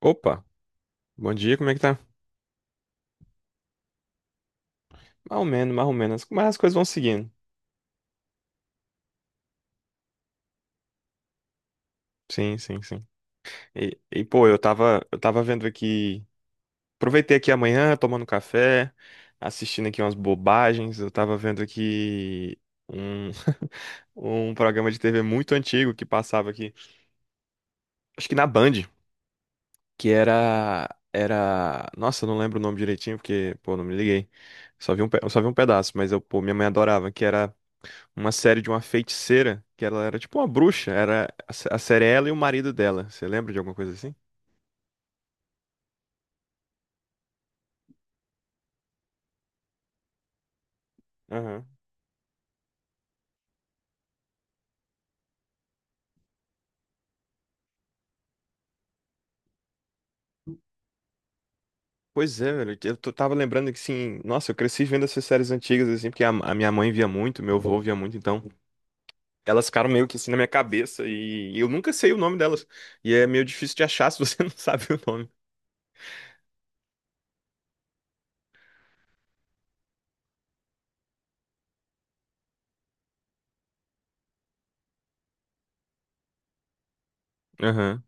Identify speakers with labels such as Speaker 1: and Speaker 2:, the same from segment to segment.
Speaker 1: Opa, bom dia, como é que tá? Mais ou menos, mais ou menos. Mas as coisas vão seguindo. Sim, sim, sim. Pô, eu tava vendo aqui. Aproveitei aqui amanhã, tomando café, assistindo aqui umas bobagens. Eu tava vendo aqui um, um programa de TV muito antigo que passava aqui. Acho que na Band, que era. Era. Nossa, eu não lembro o nome direitinho, porque, pô, não me liguei. Só vi um, pe- eu só vi um pedaço, mas eu, pô, minha mãe adorava, que era. Uma série de uma feiticeira, que ela era tipo uma bruxa, era a série é ela e o marido dela. Você lembra de alguma coisa assim? Aham. Pois é, velho, tava lembrando que assim, nossa, eu cresci vendo essas séries antigas assim, porque a minha mãe via muito, meu avô via muito, então elas ficaram meio que assim na minha cabeça e eu nunca sei o nome delas. E é meio difícil de achar se você não sabe o nome. Aham.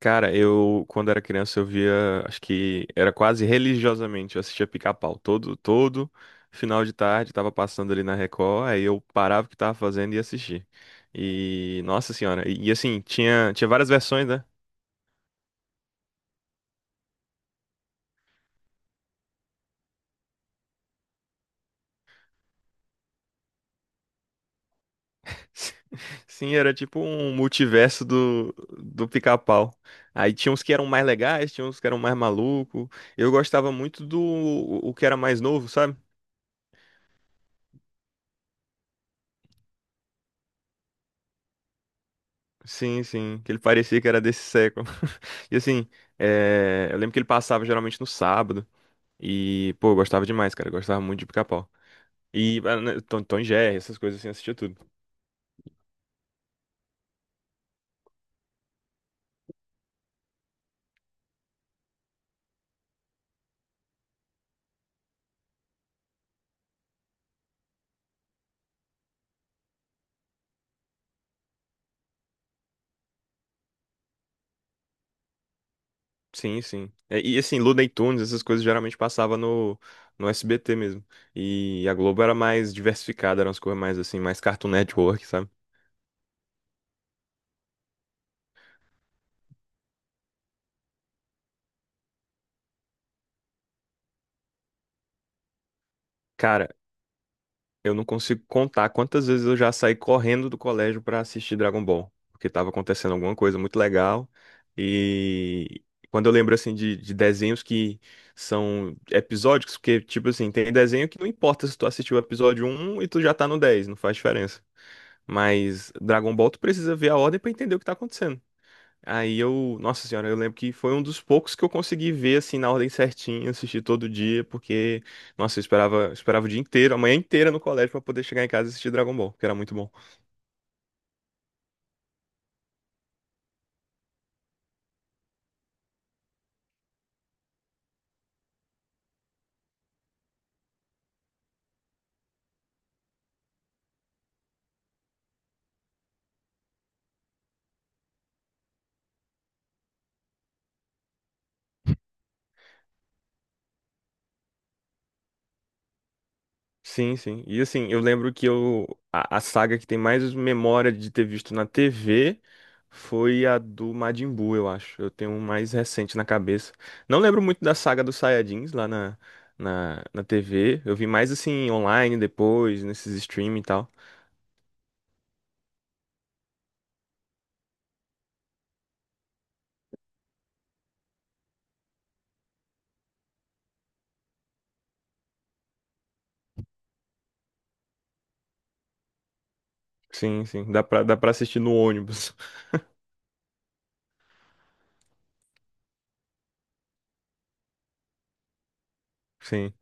Speaker 1: Cara, quando era criança, eu via, acho que era quase religiosamente, eu assistia Pica-Pau todo final de tarde, tava passando ali na Record, aí eu parava o que tava fazendo e assistia. E, nossa senhora, e assim, tinha várias versões, né? Sim, era tipo um multiverso do Pica-Pau. Aí tinha uns que eram mais legais, tinha uns que eram mais malucos. Eu gostava muito do o que era mais novo, sabe? Sim, sim, que ele parecia que era desse século. E assim, eu lembro que ele passava geralmente no sábado. E, pô, eu gostava demais, cara. Eu gostava muito de Pica-Pau. E ah, né, Tom e Jerry, essas coisas assim, eu assistia tudo. Sim, sim. Assim, Looney Tunes, essas coisas geralmente passava no SBT mesmo. E a Globo era mais diversificada, eram as coisas mais assim, mais Cartoon Network, sabe? Cara, eu não consigo contar quantas vezes eu já saí correndo do colégio pra assistir Dragon Ball, porque tava acontecendo alguma coisa muito legal. E quando eu lembro assim de desenhos que são episódicos, porque tipo assim, tem desenho que não importa se tu assistiu o episódio um e tu já tá no 10, não faz diferença. Mas Dragon Ball tu precisa ver a ordem pra entender o que tá acontecendo. Aí eu, nossa senhora, eu lembro que foi um dos poucos que eu consegui ver assim na ordem certinha, assistir todo dia, porque nossa, eu esperava o dia inteiro, a manhã inteira no colégio pra poder chegar em casa e assistir Dragon Ball, que era muito bom. Sim, sim. E assim, eu lembro que a saga que tem mais memória de ter visto na TV foi a do Majin Buu, eu acho. Eu tenho um mais recente na cabeça. Não lembro muito da saga dos Saiyajins lá na TV. Eu vi mais assim online depois, nesses streaming e tal. Sim, sim. Dá pra assistir no ônibus. Sim.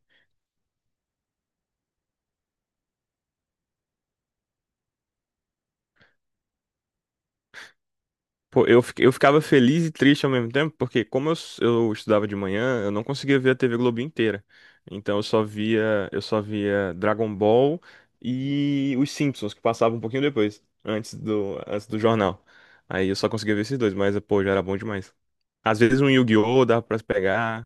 Speaker 1: Pô, eu ficava feliz e triste ao mesmo tempo, porque como eu estudava de manhã, eu não conseguia ver a TV Globo inteira. Então eu só via Dragon Ball e os Simpsons, que passavam um pouquinho depois, antes do jornal. Aí eu só conseguia ver esses dois, mas, pô, já era bom demais. Às vezes um Yu-Gi-Oh! Dava pra se pegar.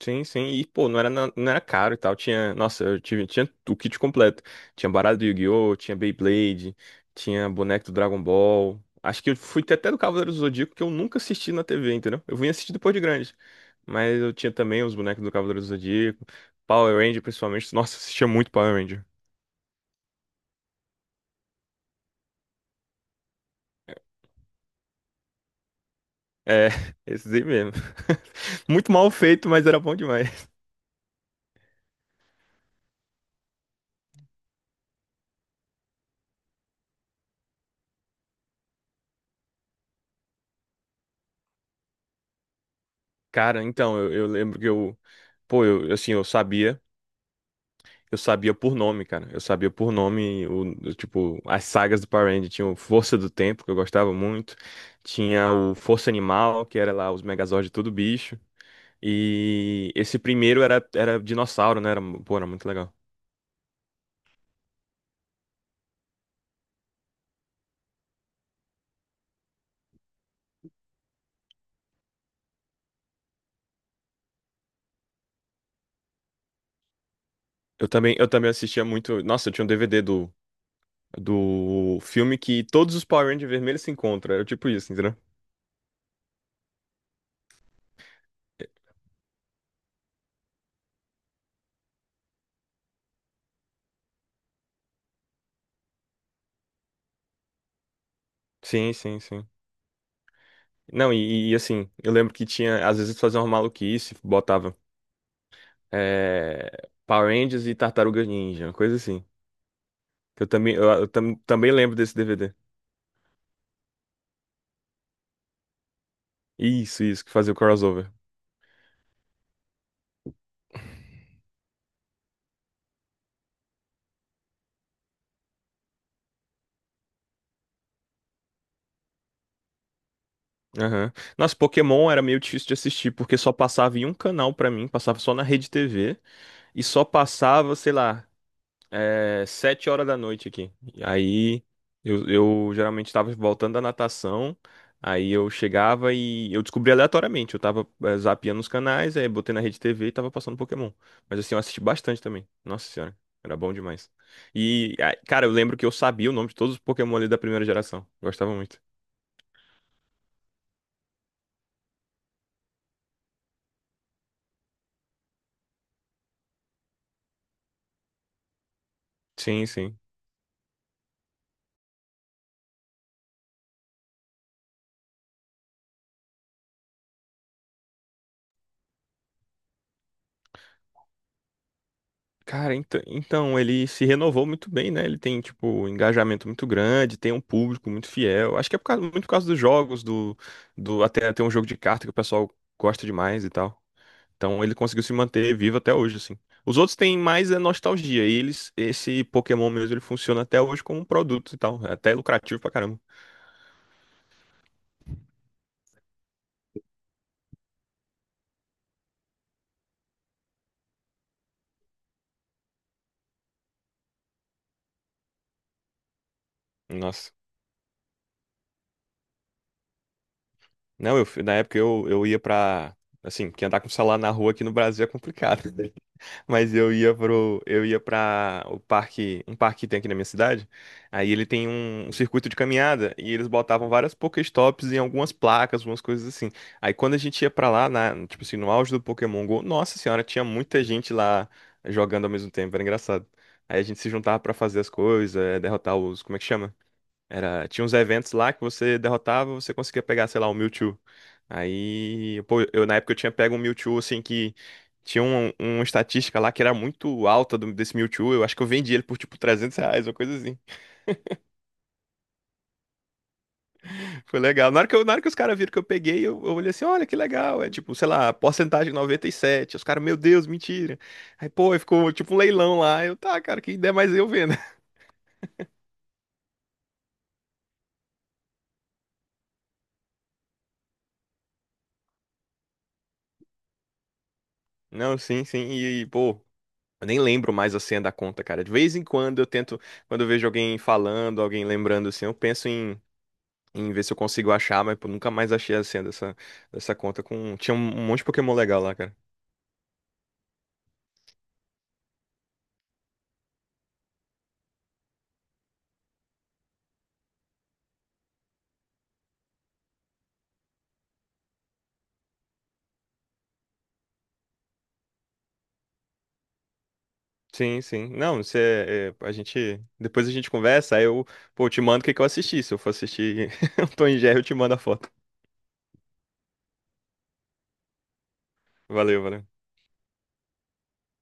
Speaker 1: Sim, sim. E, pô, não era caro e tal. Tinha, nossa, eu tive, tinha o kit completo. Tinha baralho do Yu-Gi-Oh!, tinha Beyblade, tinha boneco do Dragon Ball. Acho que eu fui ter até do Cavaleiro do Zodíaco, que eu nunca assisti na TV, entendeu? Eu vim assistir depois de grande. Mas eu tinha também os bonecos do Cavaleiro do Zodíaco, Power Ranger, principalmente. Nossa, eu assistia muito Power Ranger. É, esses aí mesmo. Muito mal feito, mas era bom demais. Cara, então, eu lembro que eu. Pô, eu, assim, eu sabia. Eu sabia por nome, cara. Eu sabia por nome, tipo, as sagas do Power Rangers. Tinha o Força do Tempo, que eu gostava muito. Tinha o Força Animal, que era lá os Megazords de todo bicho. E esse primeiro era, era dinossauro, né? Era, pô, era muito legal. Eu também assistia muito. Nossa, eu tinha um DVD do filme que todos os Power Rangers vermelhos se encontram. Era tipo isso, entendeu? Sim, sim, sim. Não, e, assim, eu lembro que tinha, às vezes fazia uma maluquice, botava Power Rangers e Tartarugas Ninja, uma coisa assim. Que eu também, eu também lembro desse DVD. Isso, isso, que fazia o crossover. Aham. Nossa, Pokémon era meio difícil de assistir, porque só passava em um canal pra mim, passava só na Rede TV, e só passava, sei lá, é 7 horas da noite aqui. E aí eu geralmente estava voltando da natação. Aí eu chegava e eu descobri aleatoriamente. Eu tava zapeando os canais, aí botei na rede TV e tava passando Pokémon. Mas assim, eu assisti bastante também. Nossa senhora, era bom demais. E, ah, cara, eu lembro que eu sabia o nome de todos os Pokémon ali da primeira geração. Gostava muito. Sim, sim. Cara, então, ele se renovou muito bem, né? Ele tem, tipo, um engajamento muito grande, tem um público muito fiel. Acho que é muito por causa dos jogos, do até ter um jogo de carta que o pessoal gosta demais e tal. Então ele conseguiu se manter vivo até hoje, assim. Os outros têm mais é nostalgia. E eles, esse Pokémon mesmo, ele funciona até hoje como um produto e tal. É até lucrativo pra caramba. Nossa. Não, na época eu ia pra. Assim, que andar com celular na rua aqui no Brasil é complicado. Mas eu ia para o parque, um parque que tem aqui na minha cidade. Aí ele tem um circuito de caminhada e eles botavam várias Pokéstops em algumas placas, algumas coisas assim. Aí quando a gente ia pra lá, tipo assim, no auge do Pokémon Go, nossa senhora, tinha muita gente lá jogando ao mesmo tempo, era engraçado. Aí a gente se juntava pra fazer as coisas, derrotar os, como é que chama? Era, tinha uns eventos lá que você derrotava, você conseguia pegar, sei lá, um Mewtwo. Aí, pô, eu na época eu tinha pego um Mewtwo, assim, que tinha uma estatística lá que era muito alta desse Mewtwo. Eu acho que eu vendi ele por, tipo, R$ 300, uma coisa assim. Foi legal. Na hora que os caras viram que eu peguei, eu olhei assim, olha que legal. É, tipo, sei lá, porcentagem 97. Os caras, meu Deus, mentira. Aí, pô, aí ficou, tipo, um leilão lá. Eu, tá, cara, quem der mais eu vendo. Não, sim, sim. E, pô, eu nem lembro mais a senha da conta, cara. De vez em quando eu tento, quando eu vejo alguém falando, alguém lembrando assim, eu penso em, em ver se eu consigo achar, mas pô, nunca mais achei a senha dessa conta com. Tinha um monte de Pokémon legal lá, cara. Sim, sim. Não, você, a gente, depois a gente conversa, aí eu, pô, eu te mando o que que eu assisti. Se eu for assistir o Tom e Jerry, eu te mando a foto. Valeu, valeu.